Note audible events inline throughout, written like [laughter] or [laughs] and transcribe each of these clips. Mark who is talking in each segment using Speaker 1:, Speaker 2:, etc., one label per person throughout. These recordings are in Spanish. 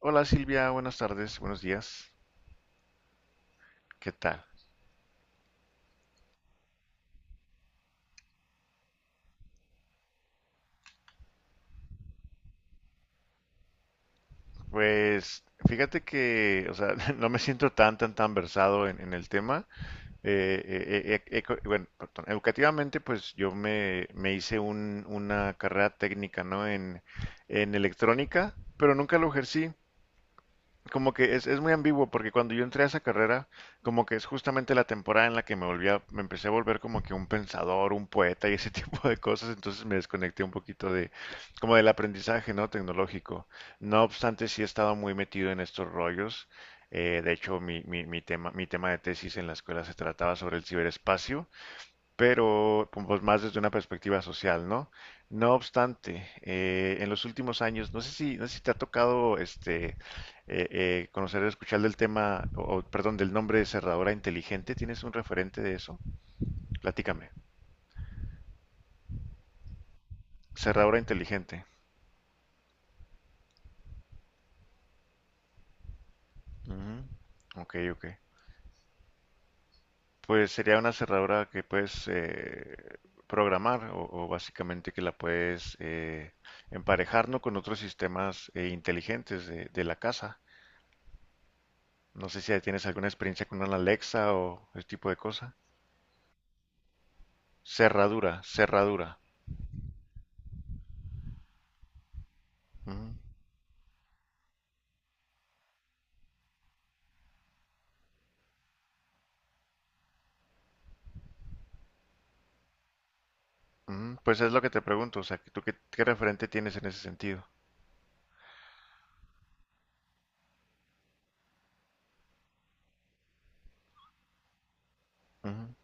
Speaker 1: Hola Silvia, buenas tardes, buenos días. ¿Qué tal? Pues fíjate que, o sea, [laughs] no me siento tan versado en el tema. Educativamente, pues yo me hice una carrera técnica, ¿no? En electrónica, pero nunca lo ejercí. Como que es muy ambiguo porque cuando yo entré a esa carrera, como que es justamente la temporada en la que me volví me empecé a volver como que un pensador, un poeta y ese [laughs] tipo de cosas, entonces me desconecté un poquito de, como del aprendizaje, ¿no? Tecnológico. No obstante, sí he estado muy metido en estos rollos. De hecho, mi tema de tesis en la escuela se trataba sobre el ciberespacio, pero pues, más desde una perspectiva social, ¿no? No obstante, en los últimos años, no sé si te ha tocado este conocer o escuchar del tema, del nombre de cerradura inteligente. ¿Tienes un referente de eso? Platícame. Cerradura inteligente. Ujú. Ok, ok. Pues sería una cerradura que puedes programar o básicamente que la puedes emparejar, ¿no?, con otros sistemas inteligentes de la casa. No sé si tienes alguna experiencia con una Alexa o ese tipo de cosa. Cerradura, cerradura. Ujú, ujú. Pues es lo que te pregunto, o sea, ¿tú qué, qué referente tienes en ese sentido? Ujú.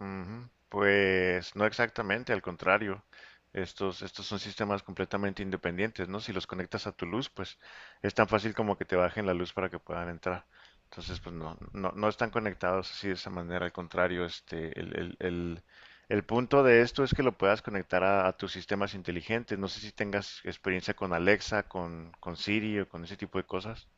Speaker 1: Ujú. Pues no exactamente, al contrario. Estos son sistemas completamente independientes, ¿no? Si los conectas a tu luz, pues es tan fácil como que te bajen la luz para que puedan entrar. Entonces, pues no, no, no están conectados así de esa manera, al contrario, este, el punto de esto es que lo puedas conectar a tus sistemas inteligentes. No sé si tengas experiencia con Alexa, con Siri o con ese tipo de cosas.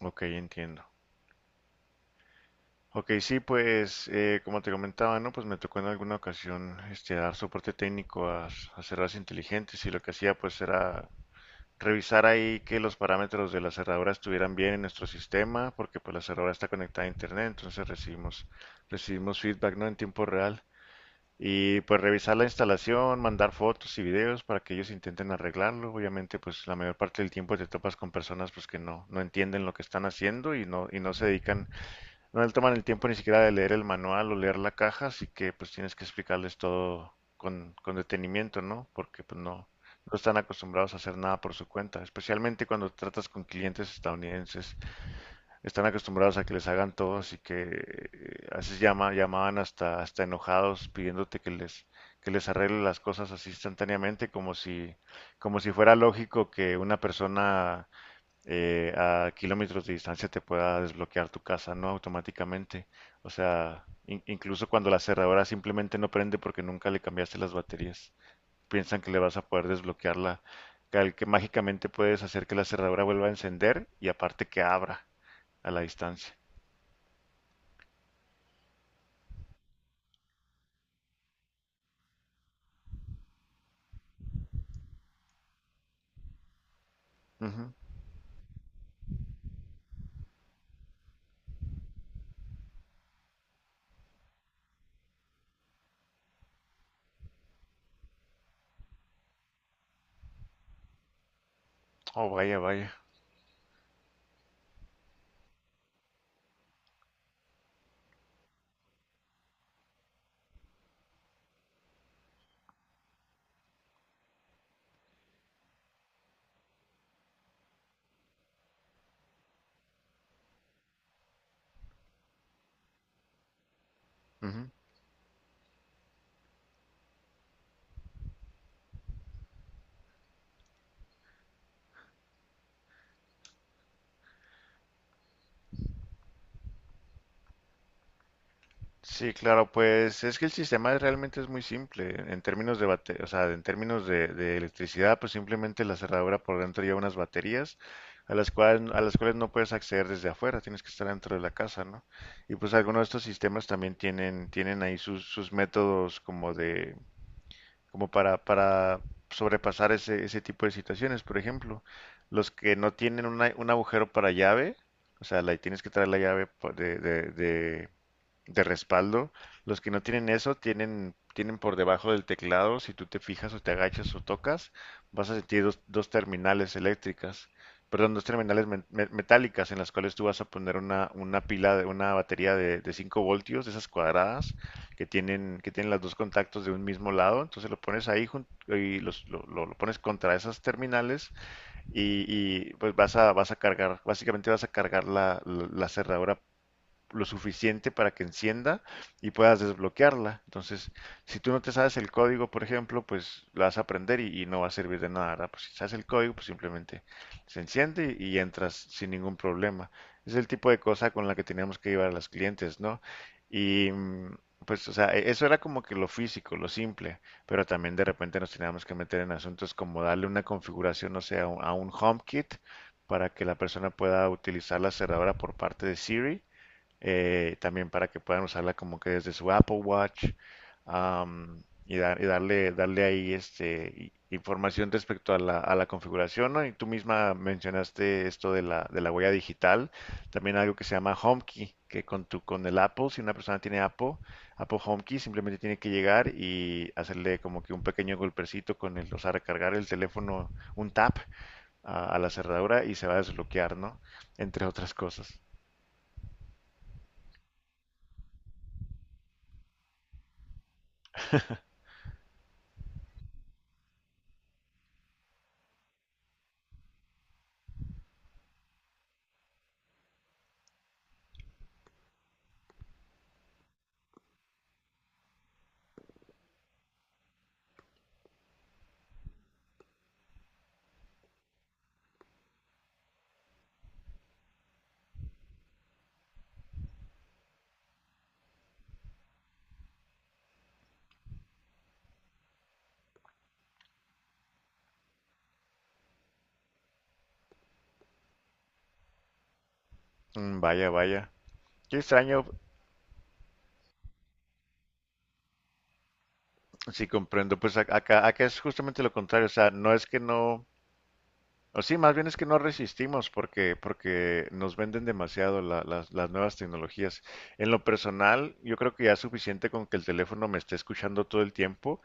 Speaker 1: Ok, entiendo. Ok, sí, pues como te comentaba, ¿no? Pues me tocó en alguna ocasión este, dar soporte técnico a, a cerraduras inteligentes y lo que hacía pues era revisar ahí que los parámetros de la cerradura estuvieran bien en nuestro sistema, porque pues la cerradura está conectada a internet, entonces recibimos feedback, ¿no? En tiempo real. Y pues revisar la instalación, mandar fotos y videos para que ellos intenten arreglarlo. Obviamente pues la mayor parte del tiempo te topas con personas pues que no, no entienden lo que están haciendo y no se dedican, no le toman el tiempo ni siquiera de leer el manual o leer la caja, así que pues tienes que explicarles todo con detenimiento, ¿no? Porque pues no, no están acostumbrados a hacer nada por su cuenta, especialmente cuando tratas con clientes estadounidenses. Están acostumbrados a que les hagan todo, así que a veces llamaban hasta enojados pidiéndote que les arregle las cosas así instantáneamente, como si fuera lógico que una persona a kilómetros de distancia te pueda desbloquear tu casa, no automáticamente. O sea, incluso cuando la cerradura simplemente no prende porque nunca le cambiaste las baterías, piensan que le vas a poder desbloquearla, que mágicamente puedes hacer que la cerradura vuelva a encender y aparte que abra a la distancia. Ujú. Oh, vaya, vaya. Ujú. Sí, claro, pues es que el sistema realmente es muy simple en términos de o sea, en términos de electricidad, pues simplemente la cerradura por dentro lleva unas baterías a las cuales no puedes acceder desde afuera, tienes que estar dentro de la casa, ¿no? Y pues algunos de estos sistemas también tienen ahí sus, sus métodos como de, como para sobrepasar ese, ese tipo de situaciones. Por ejemplo, los que no tienen un agujero para llave, o sea, la, tienes que traer la llave de respaldo. Los que no tienen eso tienen por debajo del teclado, si tú te fijas o te agachas o tocas, vas a sentir dos terminales eléctricas, perdón, dos terminales metálicas en las cuales tú vas a poner una pila de una batería de 5 voltios, de esas cuadradas, que tienen los dos contactos de un mismo lado. Entonces lo pones ahí lo pones contra esas terminales y, y pues vas a cargar, básicamente vas a cargar la cerradura lo suficiente para que encienda y puedas desbloquearla. Entonces, si tú no te sabes el código, por ejemplo, pues la vas a aprender y no va a servir de nada, ¿verdad? Pues si sabes el código, pues simplemente se enciende y entras sin ningún problema. Es el tipo de cosa con la que teníamos que llevar a los clientes, ¿no? Y mm, pues, o sea, eso era como que lo físico, lo simple, pero también de repente nos teníamos que meter en asuntos como darle una configuración, no sé, a a un HomeKit para que la persona pueda utilizar la cerradura por parte de Siri, también para que puedan usarla como que desde su Apple Watch, am, y, darle ahí este, información respecto a la configuración, ¿no? Y tú misma mencionaste esto de la huella digital, también algo que se llama HomeKey, que con tu, con el Apple, si una persona tiene Apple, Apple HomeKey simplemente tiene que llegar y hacerle como que un pequeño golpecito con el, o sea, recargar el teléfono, un tap a la cerradura y se va a desbloquear, ¿no? Entre otras cosas. Mm, vaya, vaya. Qué extraño, sí comprendo, pues acá, acá es justamente lo contrario, o sea, no es que no, o sí, más bien es que no resistimos porque, porque nos venden demasiado las nuevas tecnologías. En lo personal, yo creo que ya es suficiente con que el teléfono me esté escuchando todo el tiempo.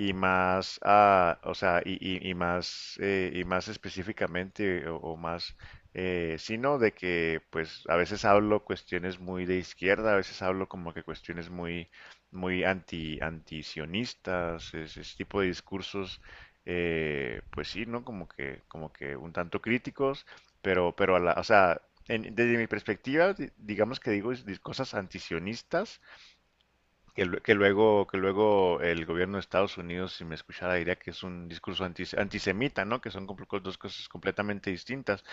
Speaker 1: Y más, ah, o sea, y más específicamente, o más, sino de que, pues, a veces hablo cuestiones muy de izquierda, a veces hablo como que cuestiones muy, antisionistas, ese tipo de discursos, pues sí, ¿no? Como que un tanto críticos, pero a la, o sea, desde mi perspectiva, digamos que digo cosas antisionistas, que, que luego el gobierno de Estados Unidos, si me escuchara, diría que es un discurso antisemita, ¿no? Que son dos cosas completamente distintas.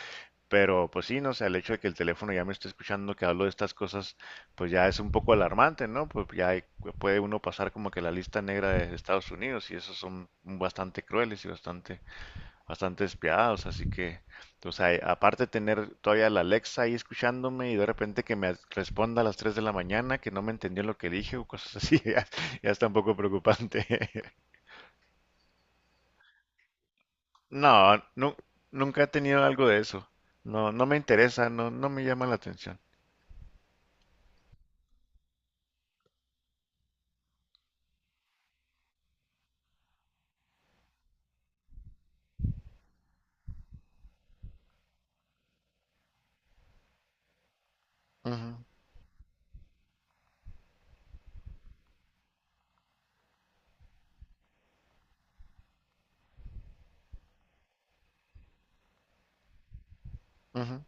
Speaker 1: Pero pues sí, no sé, el hecho de que el teléfono ya me esté escuchando que hablo de estas cosas, pues ya es un poco alarmante, ¿no? Puede uno pasar como que la lista negra de Estados Unidos y esos son bastante crueles y bastante despiadados, así que, o sea, aparte de tener todavía la Alexa ahí escuchándome y de repente que me responda a las 3 de la mañana que no me entendió lo que dije o cosas así, [laughs] ya, ya está un poco preocupante. [laughs] No, nunca he tenido algo de eso. No, no me interesa, no, no me llama la atención. Ujú, ujú.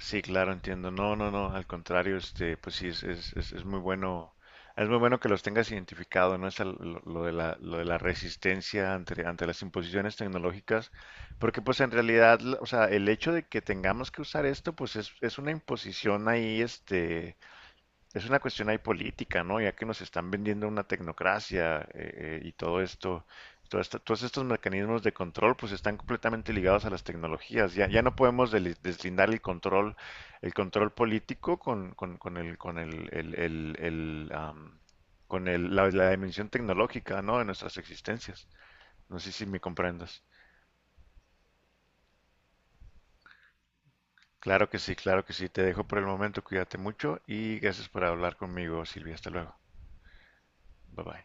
Speaker 1: Sí, claro, entiendo. No, no, no, al contrario, este, pues sí, es, es muy bueno que los tengas identificado, ¿no? Es lo de la resistencia ante, ante las imposiciones tecnológicas, porque pues en realidad, o sea, el hecho de que tengamos que usar esto, pues es una imposición ahí, este, es una cuestión ahí política, ¿no? Ya que nos están vendiendo una tecnocracia, y todo esto, todos estos mecanismos de control, pues están completamente ligados a las tecnologías. Ya, ya no podemos deslindar el control político con el, am, la dimensión tecnológica, ¿no? De nuestras existencias. No sé si me comprendas. Claro que sí, claro que sí. Te dejo por el momento. Cuídate mucho y gracias por hablar conmigo, Silvia. Hasta luego. Bye bye.